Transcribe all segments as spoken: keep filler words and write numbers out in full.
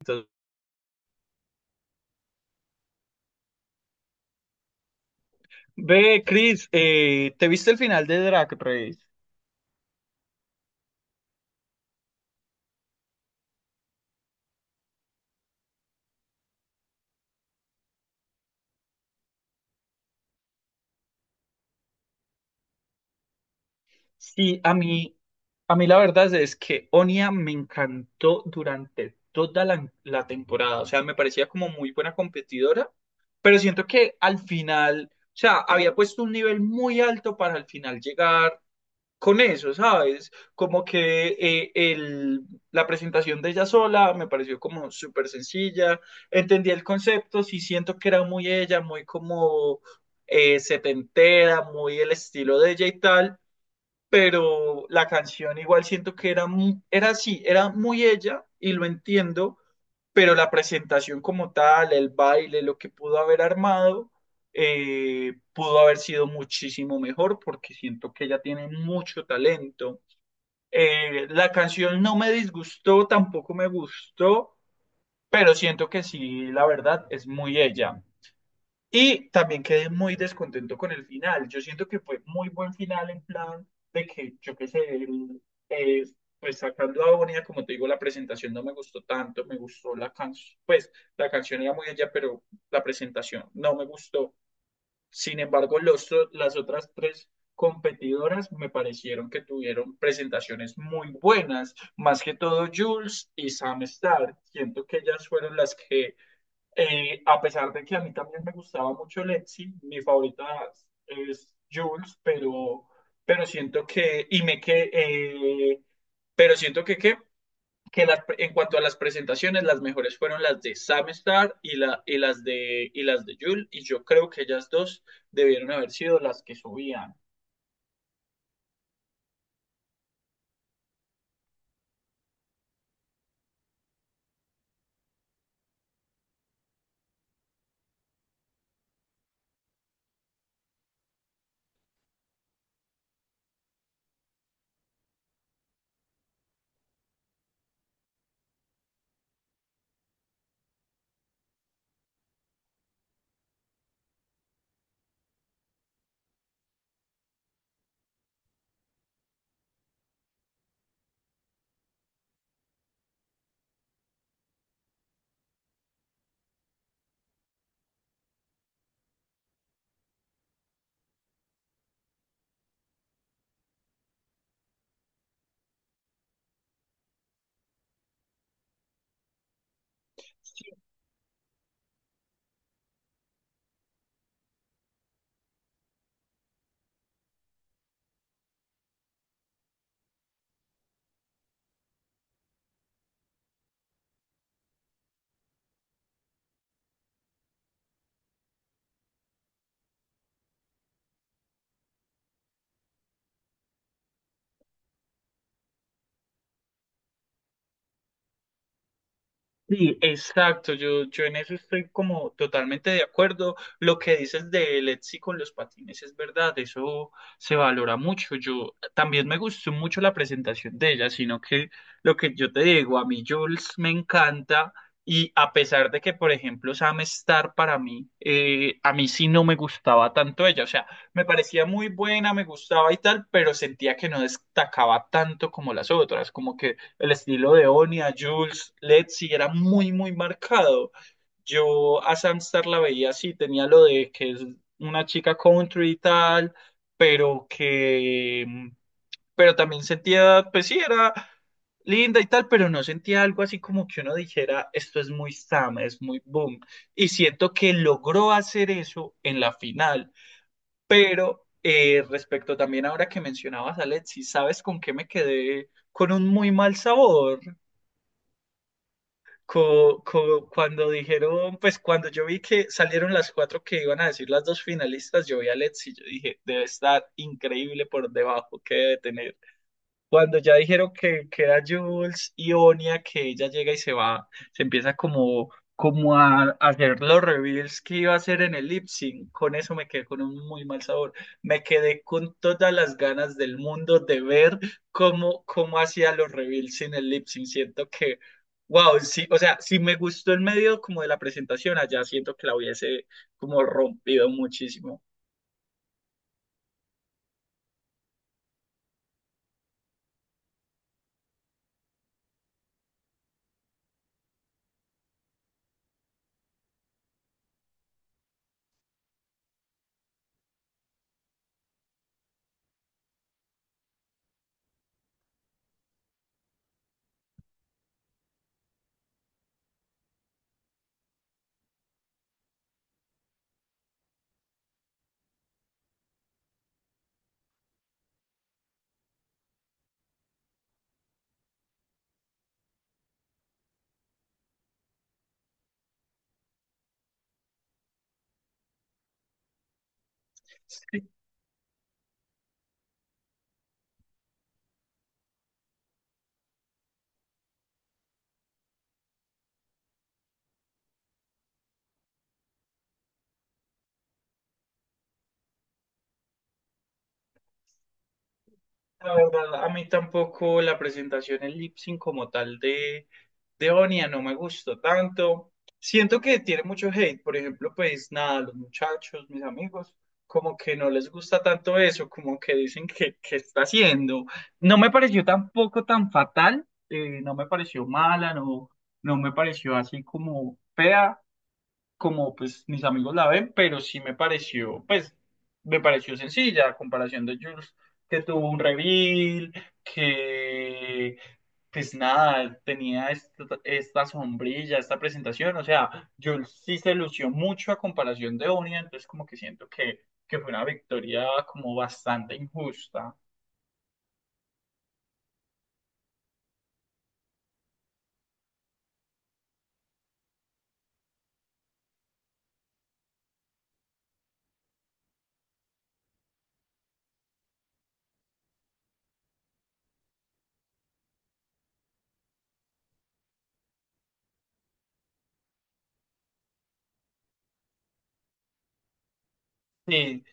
Entonces, ve, Chris, eh, ¿te viste el final de Drag Race? Sí, a mí, a mí la verdad es que Onia me encantó durante toda la, la temporada. O sea, me parecía como muy buena competidora, pero siento que al final, o sea, había puesto un nivel muy alto para al final llegar con eso, ¿sabes? Como que eh, el, la presentación de ella sola me pareció como súper sencilla, entendí el concepto, sí siento que era muy ella, muy como eh, setentera, muy el estilo de ella y tal, pero la canción igual siento que era, mu- era así, era muy ella y lo entiendo, pero la presentación como tal, el baile, lo que pudo haber armado, eh, pudo haber sido muchísimo mejor porque siento que ella tiene mucho talento. Eh, la canción no me disgustó, tampoco me gustó, pero siento que sí, la verdad, es muy ella. Y también quedé muy descontento con el final. Yo siento que fue muy buen final en plan de que, yo qué sé, el- eh, pues sacando a Bonilla, como te digo, la presentación no me gustó tanto, me gustó la canción, pues la canción era muy allá, pero la presentación no me gustó. Sin embargo, los, o- las otras tres competidoras me parecieron que tuvieron presentaciones muy buenas, más que todo Jules y Sam Starr. Siento que ellas fueron las que eh, a pesar de que a mí también me gustaba mucho Lexi, mi favorita es Jules, pero, pero siento que, y me que, eh, pero siento que, que, que las- en cuanto a las presentaciones, las mejores fueron las de Sam Star y, la, y las de, y las de Jules, y yo creo que ellas dos debieron haber sido las que subían. Sí, exacto, yo, yo en eso estoy como totalmente de acuerdo. Lo que dices de Lexi con los patines es verdad, eso se valora mucho. Yo también me gustó mucho la presentación de ella, sino que lo que yo te digo, a mí Jules me encanta y a pesar de que, por ejemplo, Sam Star para mí, eh, a mí sí no me gustaba tanto ella, o sea, me parecía muy buena, me gustaba y tal, pero sentía que no destacaba tanto como las otras, como que el estilo de Onia, Jules, Letzi era muy, muy marcado. Yo a Samstar la veía así, tenía lo de que es una chica country y tal, pero que, pero también sentía, pues sí, era linda y tal, pero no sentía algo así como que uno dijera, esto es muy Sam, es muy boom. Y siento que logró hacer eso en la final, pero... eh, respecto también ahora que mencionabas a Letzi, ¿sabes con qué me quedé con un muy mal sabor? Co- co- cuando dijeron, pues cuando yo vi que salieron las cuatro que iban a decir las dos finalistas, yo vi a Let's y yo dije, debe estar increíble por debajo, que debe tener. Cuando ya dijeron que queda Jules y Onia, que ella llega y se va, se empieza como, como a, a hacer los reveals que iba a hacer en el lip sync. Con eso me quedé con un muy mal sabor. Me quedé con todas las ganas del mundo de ver cómo, cómo hacía los reveals en el lip sync. Siento que, wow, sí, o sea, si me gustó el medio como de la presentación, allá siento que la hubiese como rompido muchísimo. La verdad, a mí tampoco la presentación en lip sync como tal de, de Onia no me gustó tanto. Siento que tiene mucho hate, por ejemplo, pues nada, los muchachos, mis amigos, como que no les gusta tanto eso, como que dicen que, que está haciendo. No me pareció tampoco tan fatal, eh, no me pareció mala, no, no me pareció así como fea como pues mis amigos la ven, pero sí me pareció, pues, me pareció sencilla a comparación de Jules, que tuvo un reveal, que pues nada, tenía esta, esta sombrilla, esta presentación, o sea, Jules sí se lució mucho a comparación de Onia, entonces como que siento que, que fue una victoria como bastante injusta. Sí,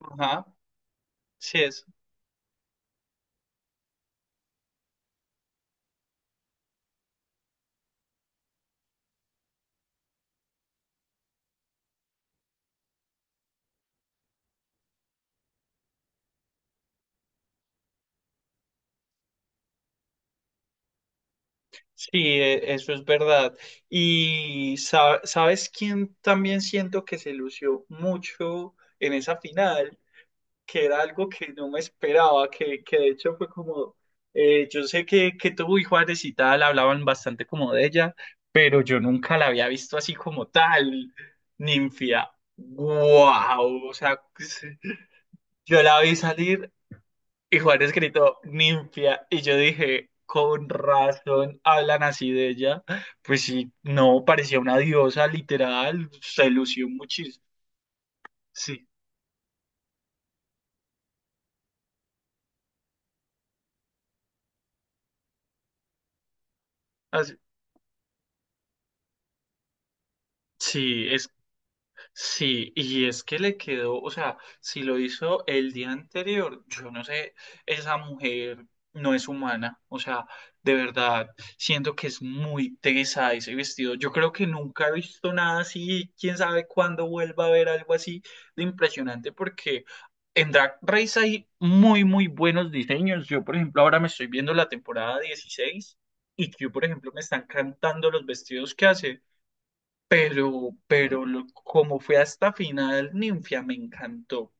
ajá, sí, eso. Sí, e- eso es verdad. Y sa- sabes quién también siento que se lució mucho en esa final, que era algo que no me esperaba, que, que de hecho fue como, eh, yo sé que, que tú y Juárez y tal hablaban bastante como de ella, pero yo nunca la había visto así como tal, Ninfia. ¡Wow! O sea, yo la vi salir y Juan escrito ninfia. Y yo dije, con razón hablan así de ella. Pues sí, no, parecía una diosa literal. Se lució muchísimo. Sí, así- sí. Sí, y es que le quedó, o sea, si lo hizo el día anterior, yo no sé, esa mujer no es humana, o sea, de verdad, siento que es muy tesa ese vestido. Yo creo que nunca he visto nada así, quién sabe cuándo vuelva a ver algo así de impresionante, porque en Drag Race hay muy, muy buenos diseños. Yo, por ejemplo, ahora me estoy viendo la temporada dieciséis y que, por ejemplo, me están cantando los vestidos que hace pero, pero lo- como fue hasta final, Ninfia me encantó.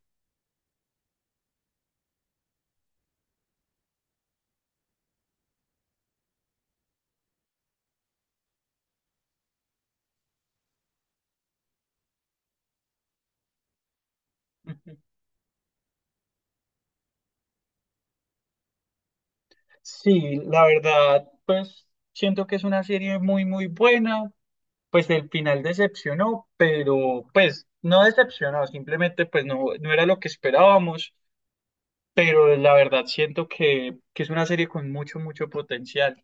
Ujú. Sí, la verdad, pues siento que es una serie muy, muy buena. Pues el final decepcionó, pero pues no decepcionó, simplemente pues no, no era lo que esperábamos, pero la verdad siento que, que es una serie con mucho, mucho potencial.